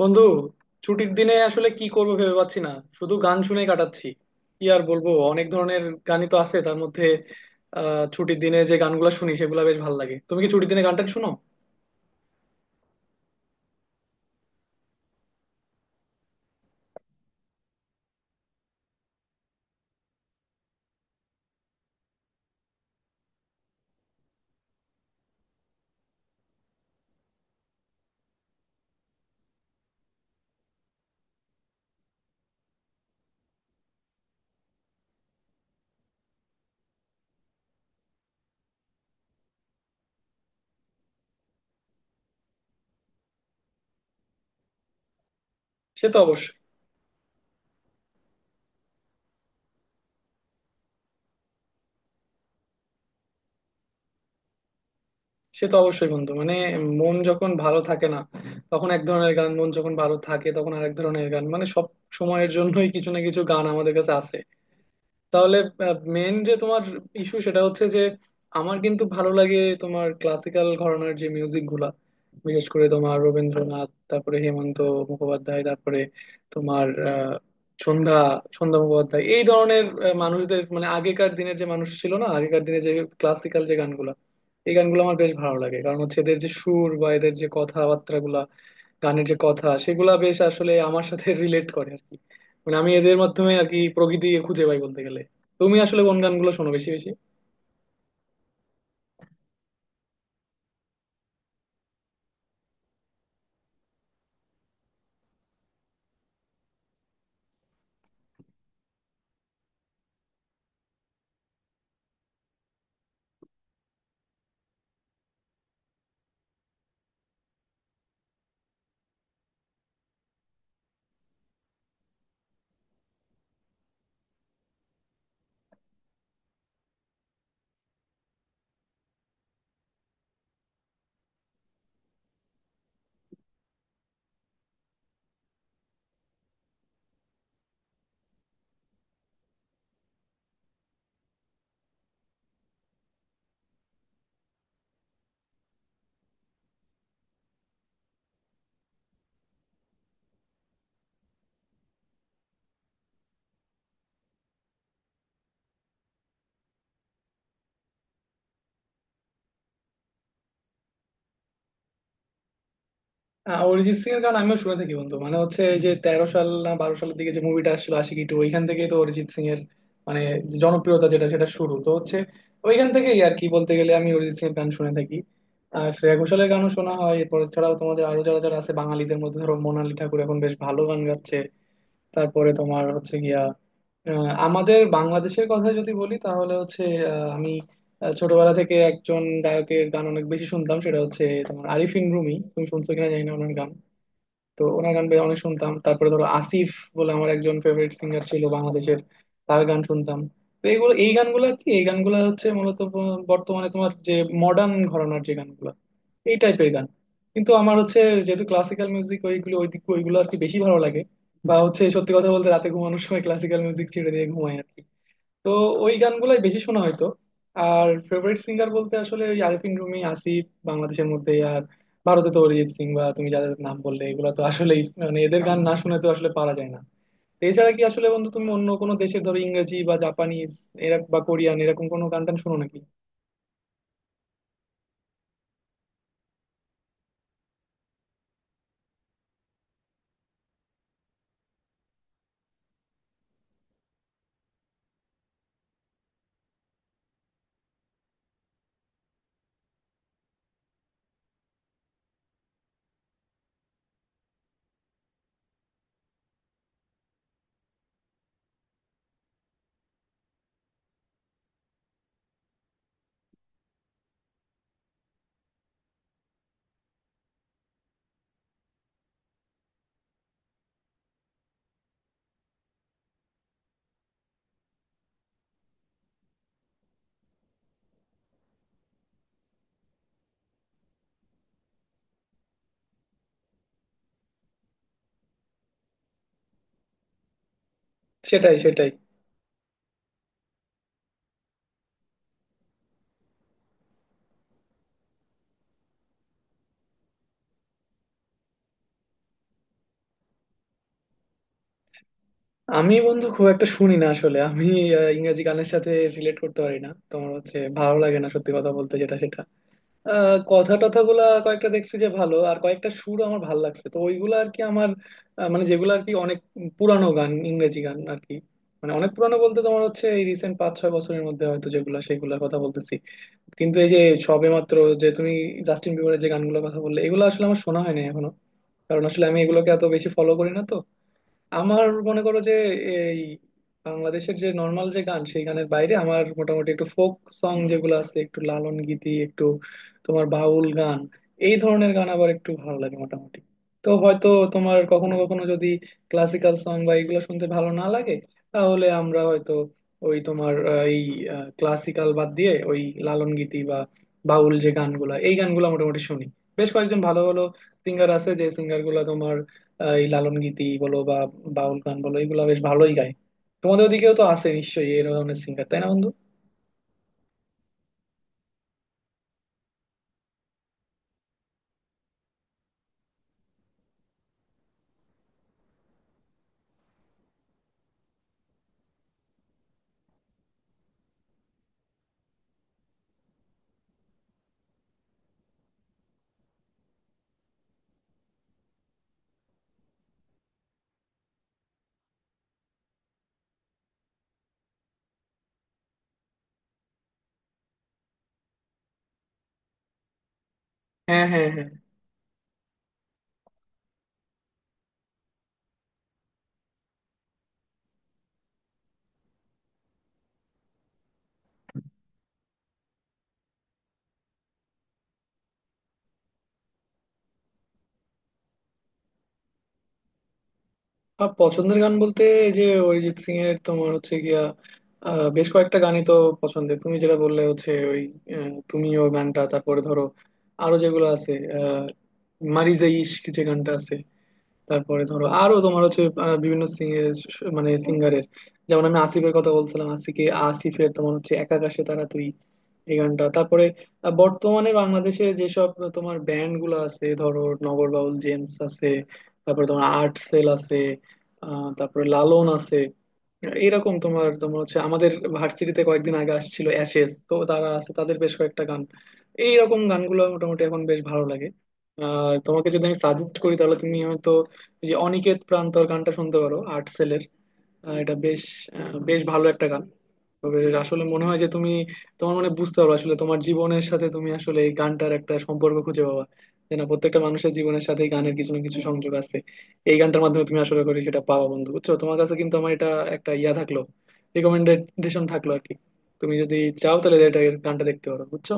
বন্ধু, ছুটির দিনে আসলে কি করবো ভেবে পাচ্ছি না। শুধু গান শুনেই কাটাচ্ছি। কি আর বলবো, অনেক ধরনের গানই তো আছে। তার মধ্যে ছুটির দিনে যে গানগুলো শুনি সেগুলো বেশ ভালো লাগে। তুমি কি ছুটির দিনে গানটা শুনো? সে তো অবশ্যই। সে তো অবশ্যই বন্ধু, মানে মন যখন ভালো থাকে না তখন এক ধরনের গান, মন যখন ভালো থাকে তখন আরেক ধরনের গান। মানে সব সময়ের জন্যই কিছু না কিছু গান আমাদের কাছে আছে। তাহলে মেন যে তোমার ইস্যু সেটা হচ্ছে যে আমার কিন্তু ভালো লাগে তোমার ক্লাসিক্যাল ঘরানার যে মিউজিক গুলা। বিশেষ করে তোমার রবীন্দ্রনাথ, তারপরে হেমন্ত মুখোপাধ্যায়, তারপরে তোমার সন্ধ্যা সন্ধ্যা মুখোপাধ্যায়, এই ধরনের মানুষদের, মানে আগেকার দিনের যে মানুষ ছিল না, আগেকার দিনে যে ক্লাসিক্যাল যে গানগুলা, এই গানগুলো আমার বেশ ভালো লাগে। কারণ হচ্ছে এদের যে সুর বা এদের যে কথাবার্তা গুলা, গানের যে কথা সেগুলা বেশ আসলে আমার সাথে রিলেট করে আর কি। মানে আমি এদের মাধ্যমে আর কি প্রকৃতি খুঁজে পাই বলতে গেলে। তুমি আসলে কোন গানগুলো শোনো বেশি বেশি? অরিজিৎ সিং এর গান আমিও শুনে থাকি বন্ধু। মানে হচ্ছে এই যে 13 সাল না 12 সালের দিকে যে মুভিটা আসছিল আশিকি টু, ওইখান থেকেই তো অরিজিৎ সিং এর মানে যে জনপ্রিয়তা, যেটা সেটা শুরু তো হচ্ছে ওইখান থেকেই আর কি। বলতে গেলে আমি অরিজিৎ সিং এর গান শুনে থাকি। আর শ্রেয়া ঘোষালের গানও শোনা হয়। এরপর ছাড়াও তোমাদের আরো যারা যারা আছে বাঙালিদের মধ্যে ধরো মোনালি ঠাকুর এখন বেশ ভালো গান গাচ্ছে। তারপরে তোমার হচ্ছে গিয়া আমাদের বাংলাদেশের কথা যদি বলি তাহলে হচ্ছে আমি ছোটবেলা থেকে একজন গায়কের গান অনেক বেশি শুনতাম, সেটা হচ্ছে তোমার আরিফিন রুমি। তুমি শুনছো কিনা জানি না ওনার গান। তো ওনার গান বেশ অনেক শুনতাম। তারপরে ধরো আসিফ বলে আমার একজন ফেভারিট সিঙ্গার ছিল বাংলাদেশের, তার গান শুনতাম। তো এইগুলো এই গানগুলো কি, এই গানগুলো হচ্ছে মূলত বর্তমানে তোমার যে মডার্ন ঘরানার যে গানগুলো, এই টাইপের গান। কিন্তু আমার হচ্ছে যেহেতু ক্লাসিক্যাল মিউজিক, ওইগুলো ওই দিক, ওইগুলো আর কি বেশি ভালো লাগে। বা হচ্ছে, সত্যি কথা বলতে, রাতে ঘুমানোর সময় ক্লাসিক্যাল মিউজিক ছেড়ে দিয়ে ঘুমাই আর কি। তো ওই গানগুলাই বেশি শোনা হয়তো। আর ফেভারিট সিঙ্গার বলতে আসলে ওই আরিফিন রুমি, আসিফ বাংলাদেশের মধ্যে। আর ভারতে তো অরিজিৎ সিং বা তুমি যাদের নাম বললে, এগুলো তো আসলেই মানে এদের গান না শুনে তো আসলে পারা যায় না। তো এছাড়া কি আসলে বন্ধু তুমি অন্য কোনো দেশের ধরো ইংরেজি বা জাপানিজ এরকম বা কোরিয়ান এরকম কোনো গান টান শোনো নাকি? সেটাই সেটাই। আমি বন্ধু খুব একটা শুনি না আসলে। আমি ইংরেজি গানের সাথে রিলেট করতে পারি না। তোমার হচ্ছে ভালো লাগে না, সত্যি কথা বলতে যেটা সেটা। কথা টথাগুলা কয়েকটা দেখছি যে ভালো, আর কয়েকটা সুর আমার ভালো লাগছে, তো ওইগুলো আর কি আমার মানে যেগুলো আর কি অনেক পুরানো গান, ইংরেজি গান আর কি। মানে অনেক পুরানো বলতে তোমার হচ্ছে এই রিসেন্ট 5-6 বছরের মধ্যে হয়তো, যেগুলা সেগুলোর কথা বলতেছি। কিন্তু এই যে সবেমাত্র যে তুমি জাস্টিন বিবরের যে গানগুলোর কথা বললে, এগুলো আসলে আমার শোনা হয়নি এখনো। কারণ আসলে আমি এগুলোকে এত বেশি ফলো করি না। তো আমার মনে করো যে এই বাংলাদেশের যে নর্মাল যে গান, সেই গানের বাইরে আমার মোটামুটি একটু ফোক সং যেগুলো আছে, একটু লালন গীতি, একটু তোমার বাউল গান, এই ধরনের গান আবার একটু ভালো লাগে মোটামুটি। তো হয়তো তোমার কখনো কখনো যদি ক্লাসিক্যাল সং বা এগুলো শুনতে ভালো না লাগে, তাহলে আমরা হয়তো ওই তোমার এই ক্লাসিক্যাল বাদ দিয়ে ওই লালন গীতি বা বাউল যে গানগুলা, এই গানগুলো মোটামুটি শুনি। বেশ কয়েকজন ভালো ভালো সিঙ্গার আছে, যে সিঙ্গার গুলা তোমার এই লালন গীতি বলো বা বাউল গান বলো, এগুলো বেশ ভালোই গায়। তোমাদের ওদিকেও তো আছে নিশ্চয়ই এই ধরনের সিঙ্গার, তাই না বন্ধু? হ্যাঁ, হ্যাঁ, হ্যাঁ। আর পছন্দের গান বলতে এই যে অরিজিৎ সিং এর তোমার হচ্ছে গিয়া বেশ কয়েকটা গানই তো পছন্দের। তুমি যেটা বললে হচ্ছে ওই তুমিও গানটা, তারপরে ধরো আরো যেগুলো আছে আহ মারি যে ইশক যে গানটা আছে। তারপরে ধরো আরো তোমার হচ্ছে বিভিন্ন মানে সিঙ্গারের, যেমন আমি আসিফের কথা বলছিলাম, আসিফের তোমার হচ্ছে এক আকাশে তারা তুই, এই গানটা। তারপরে বর্তমানে বাংলাদেশে যেসব তোমার ব্যান্ড গুলো আছে ধরো নগর বাউল জেমস আছে, তারপরে তোমার আর্ট সেল আছে, তারপরে লালন আছে, এরকম তোমার তোমার হচ্ছে আমাদের ভার্সিটিতে কয়েকদিন আগে আসছিল অ্যাশেজ, তো তারা আছে, তাদের বেশ কয়েকটা গান, এইরকম গানগুলো মোটামুটি এখন বেশ ভালো লাগে। আর তোমাকে যদি আমি সাজেস্ট করি তাহলে তুমি হয়তো এই যে অনিকেত প্রান্তর গানটা শুনতে পারো আর্ট সেলের। এটা বেশ বেশ ভালো একটা গান। তবে আসলে মনে হয় যে তুমি তোমার মানে বুঝতে পারো আসলে তোমার জীবনের সাথে তুমি আসলে এই গানটার একটা সম্পর্ক খুঁজে পাবা। যে না, প্রত্যেকটা মানুষের জীবনের সাথে গানের কিছু না কিছু সংযোগ আছে, এই গানটার মাধ্যমে তুমি আসলে করে সেটা পাবা বন্ধু, বুঝছো? তোমার কাছে কিন্তু আমার এটা একটা ইয়া থাকলো, রিকমেন্ডেশন থাকলো আর কি। তুমি যদি চাও তাহলে এটা গানটা দেখতে পারো বুঝছো।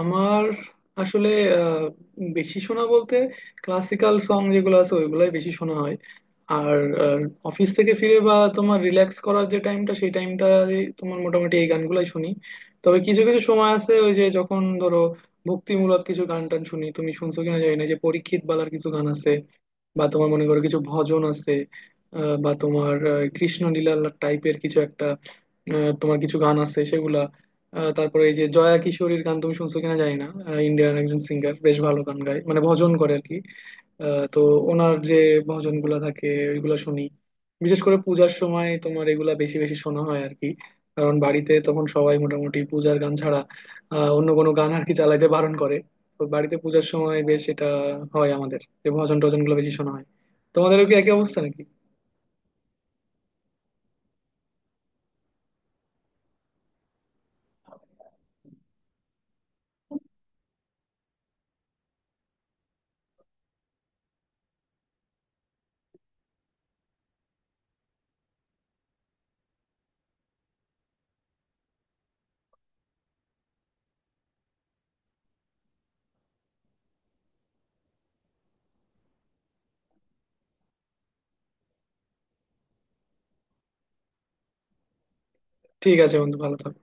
আমার আসলে আহ, বেশি শোনা বলতে ক্লাসিক্যাল সং যেগুলো আছে, ওইগুলাই বেশি শোনা হয়। আর অফিস থেকে ফিরে বা তোমার রিল্যাক্স করার যে টাইমটা, সেই টাইমটা তোমার মোটামুটি এই গানগুলাই শুনি। তবে কিছু কিছু সময় আছে ওই যে যখন ধরো ভক্তিমূলক কিছু গান টান শুনি। তুমি শুনছো কিনা জানি না, যে পরীক্ষিত বালার কিছু গান আছে, বা তোমার মনে করো কিছু ভজন আছে, বা তোমার কৃষ্ণলীলা টাইপের কিছু একটা, তোমার কিছু গান আছে সেগুলা। তারপরে এই যে জয়া কিশোরীর গান তুমি শুনছো কিনা জানি না। ইন্ডিয়ান একজন সিঙ্গার, বেশ ভালো গান গায়, মানে ভজন করে আর কি। তো ওনার যে ভজন গুলা থাকে ওইগুলা শুনি, বিশেষ করে পূজার সময় তোমার এগুলা বেশি বেশি শোনা হয় আর কি। কারণ বাড়িতে তখন সবাই মোটামুটি পূজার গান ছাড়া অন্য কোনো গান আর কি চালাইতে বারণ করে। তো বাড়িতে পূজার সময় বেশ এটা হয়, আমাদের যে ভজন টজন গুলো বেশি শোনা হয়। তোমাদেরও কি একই অবস্থা নাকি? ঠিক আছে বন্ধু, ভালো থাকো।